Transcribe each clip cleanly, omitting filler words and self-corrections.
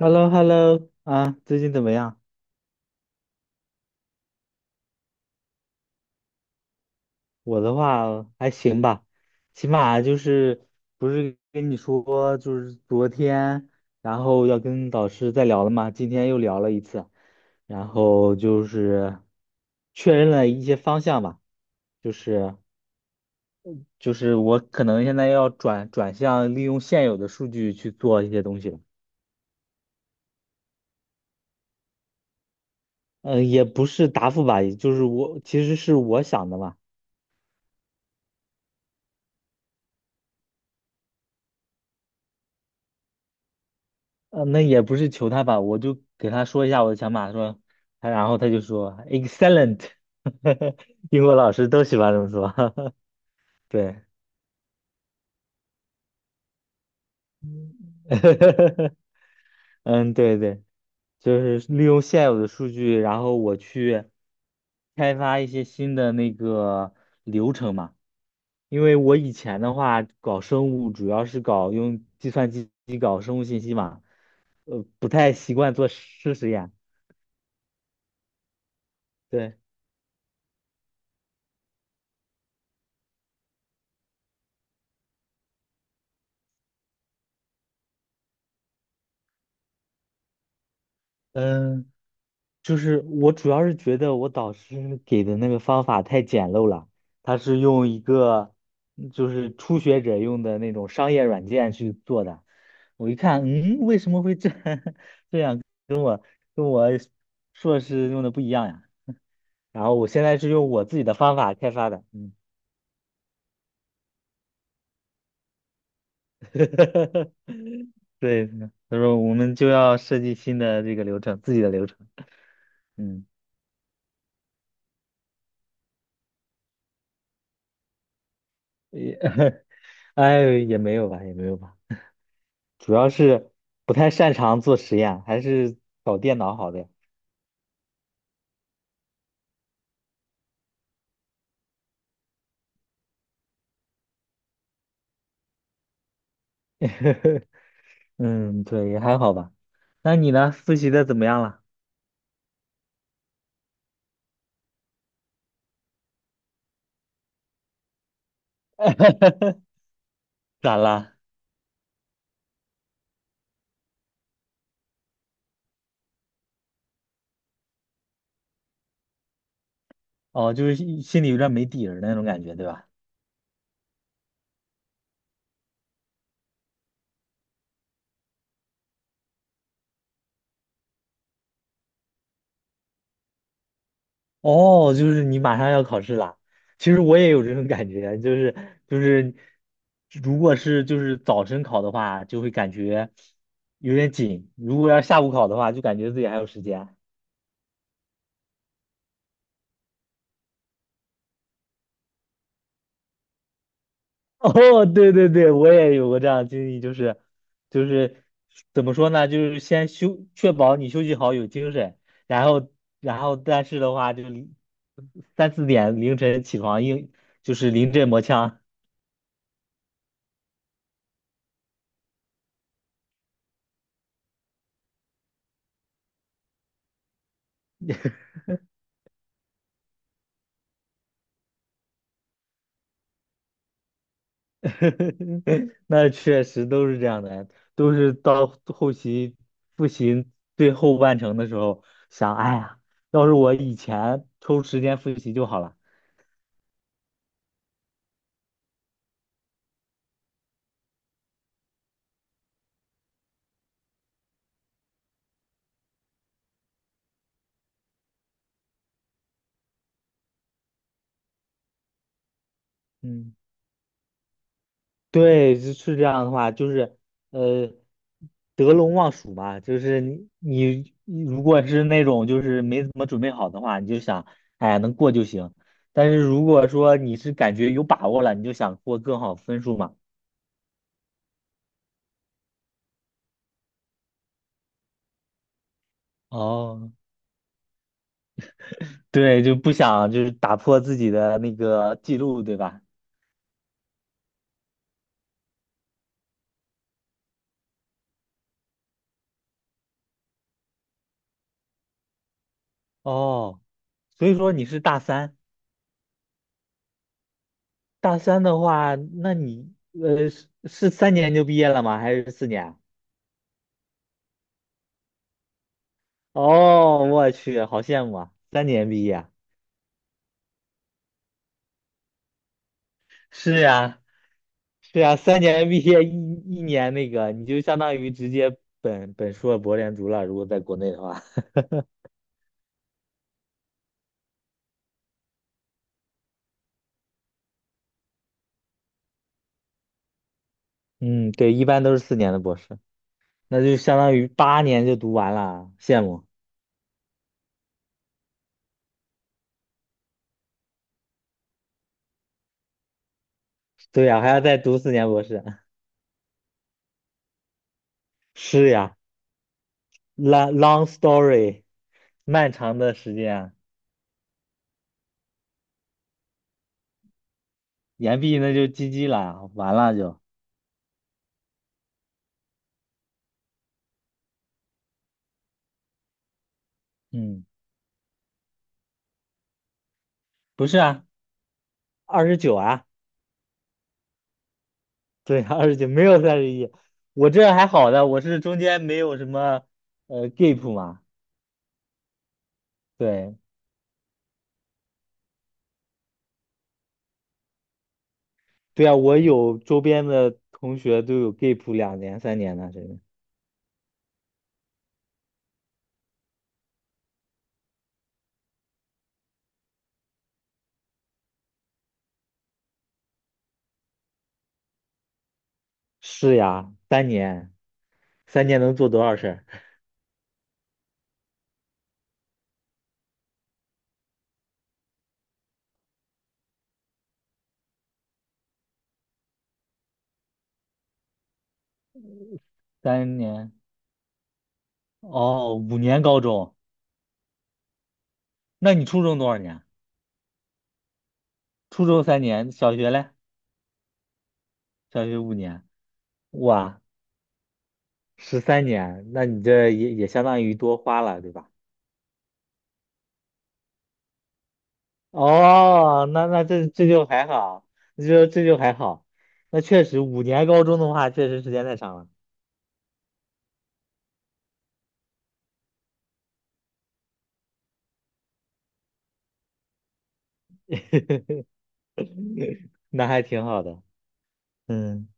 h e l l o h e l l o 啊，最近怎么样？我的话还行吧，起码就是不是跟你说，就是昨天，然后要跟导师再聊了嘛，今天又聊了一次，然后就是确认了一些方向吧，就是就是我可能现在要转向利用现有的数据去做一些东西了，嗯、也不是答复吧，也就是我其实是我想的嘛。那也不是求他吧，我就给他说一下我的想法，说他，然后他就说 excellent，英国老师都喜欢这么说，对，嗯，对对，就是利用现有的数据，然后我去开发一些新的那个流程嘛，因为我以前的话搞生物主要是搞用计算机搞生物信息嘛，不太习惯做事实验，对，嗯。就是我主要是觉得我导师给的那个方法太简陋了，他是用一个就是初学者用的那种商业软件去做的。我一看，嗯，为什么会这 跟我硕士用的不一样呀？然后我现在是用我自己的方法开发的，嗯，对，他说我们就要设计新的这个流程，自己的流程，嗯，也，哎，也没有吧，也没有吧。主要是不太擅长做实验，还是搞电脑好的。嗯，对，也还好吧。那你呢？复习的怎么样了？咋了？哦，就是心里有点没底儿那种感觉，对吧？哦，就是你马上要考试了。其实我也有这种感觉，就是就是，如果是就是早晨考的话，就会感觉有点紧；如果要是下午考的话，就感觉自己还有时间。哦，对对对，我也有过这样的经历，就是就是怎么说呢，就是先休，确保你休息好有精神，然后然后但是的话，就3、4点凌晨起床，硬就是临阵磨枪，那确实都是这样的，都是到后期复习最后半程的时候，想，哎呀，要是我以前抽时间复习就好了，嗯。对，是这样的话，就是呃，得陇望蜀嘛，就是你如果是那种就是没怎么准备好的话，你就想，哎呀，能过就行。但是如果说你是感觉有把握了，你就想过更好分数嘛。哦，对，就不想就是打破自己的那个记录，对吧？哦，所以说你是大三，大三的话，那你是三年就毕业了吗？还是四年啊哦，我去，好羡慕啊！三年毕业，是呀，是呀，三年毕业一年那个，你就相当于直接本硕博连读了。如果在国内的话，嗯，对，一般都是四年的博士，那就相当于8年就读完了，羡慕。对呀，还要再读四年博士。是呀，long long story，漫长的时间研毕那就 GG 了，完了就，嗯，不是啊，二十九啊。对，二十九没有31，我这还好的，我是中间没有什么gap 嘛。对对啊，我有周边的同学都有 gap 2年、3年的，真的是呀，三年，三年能做多少事儿？三年哦，5年高中，那你初中多少年？初中三年，小学嘞？小学五年，哇，13年，那你这也相当于多花了，对吧？哦，那这就还好，这就还好。那确实，五年高中的话，确实时间太长了，那还挺好的。嗯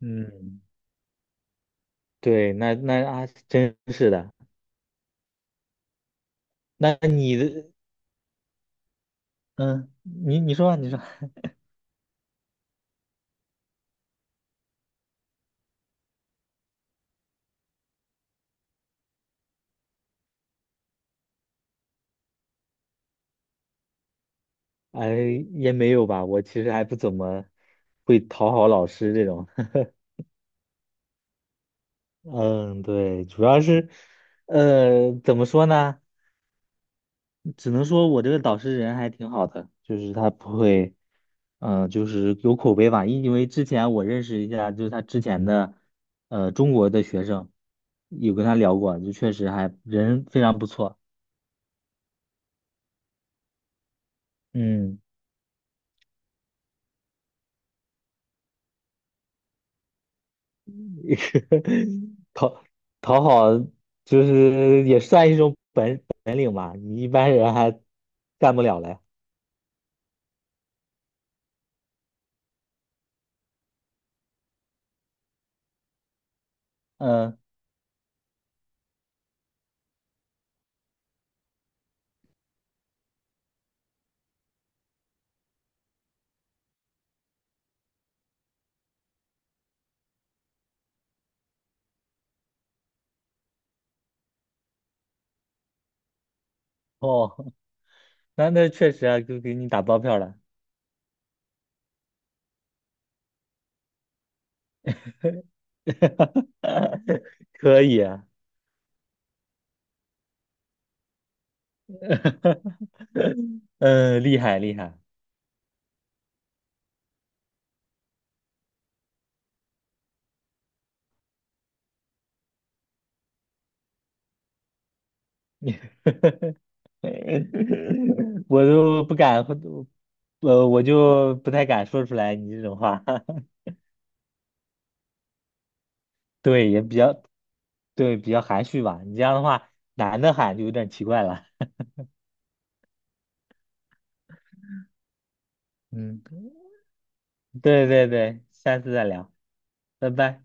嗯，对，那啊，真是的。那你的，嗯，你说吧你说，哎，也没有吧，我其实还不怎么会讨好老师这种。嗯，对，主要是，怎么说呢？只能说我这个导师人还挺好的，就是他不会，就是有口碑吧。因为之前我认识一下，就是他之前的，中国的学生，有跟他聊过，就确实还人非常不错。嗯，讨讨好就是也算一种本领吧，你一般人还干不了嘞。嗯，哦，那确实啊，就给你打包票了，可以啊。嗯，厉害厉害，我都不敢，我就不太敢说出来你这种话，对，也比较对，比较含蓄吧。你这样的话，男的喊就有点奇怪了。嗯。对对对，下次再聊，拜拜。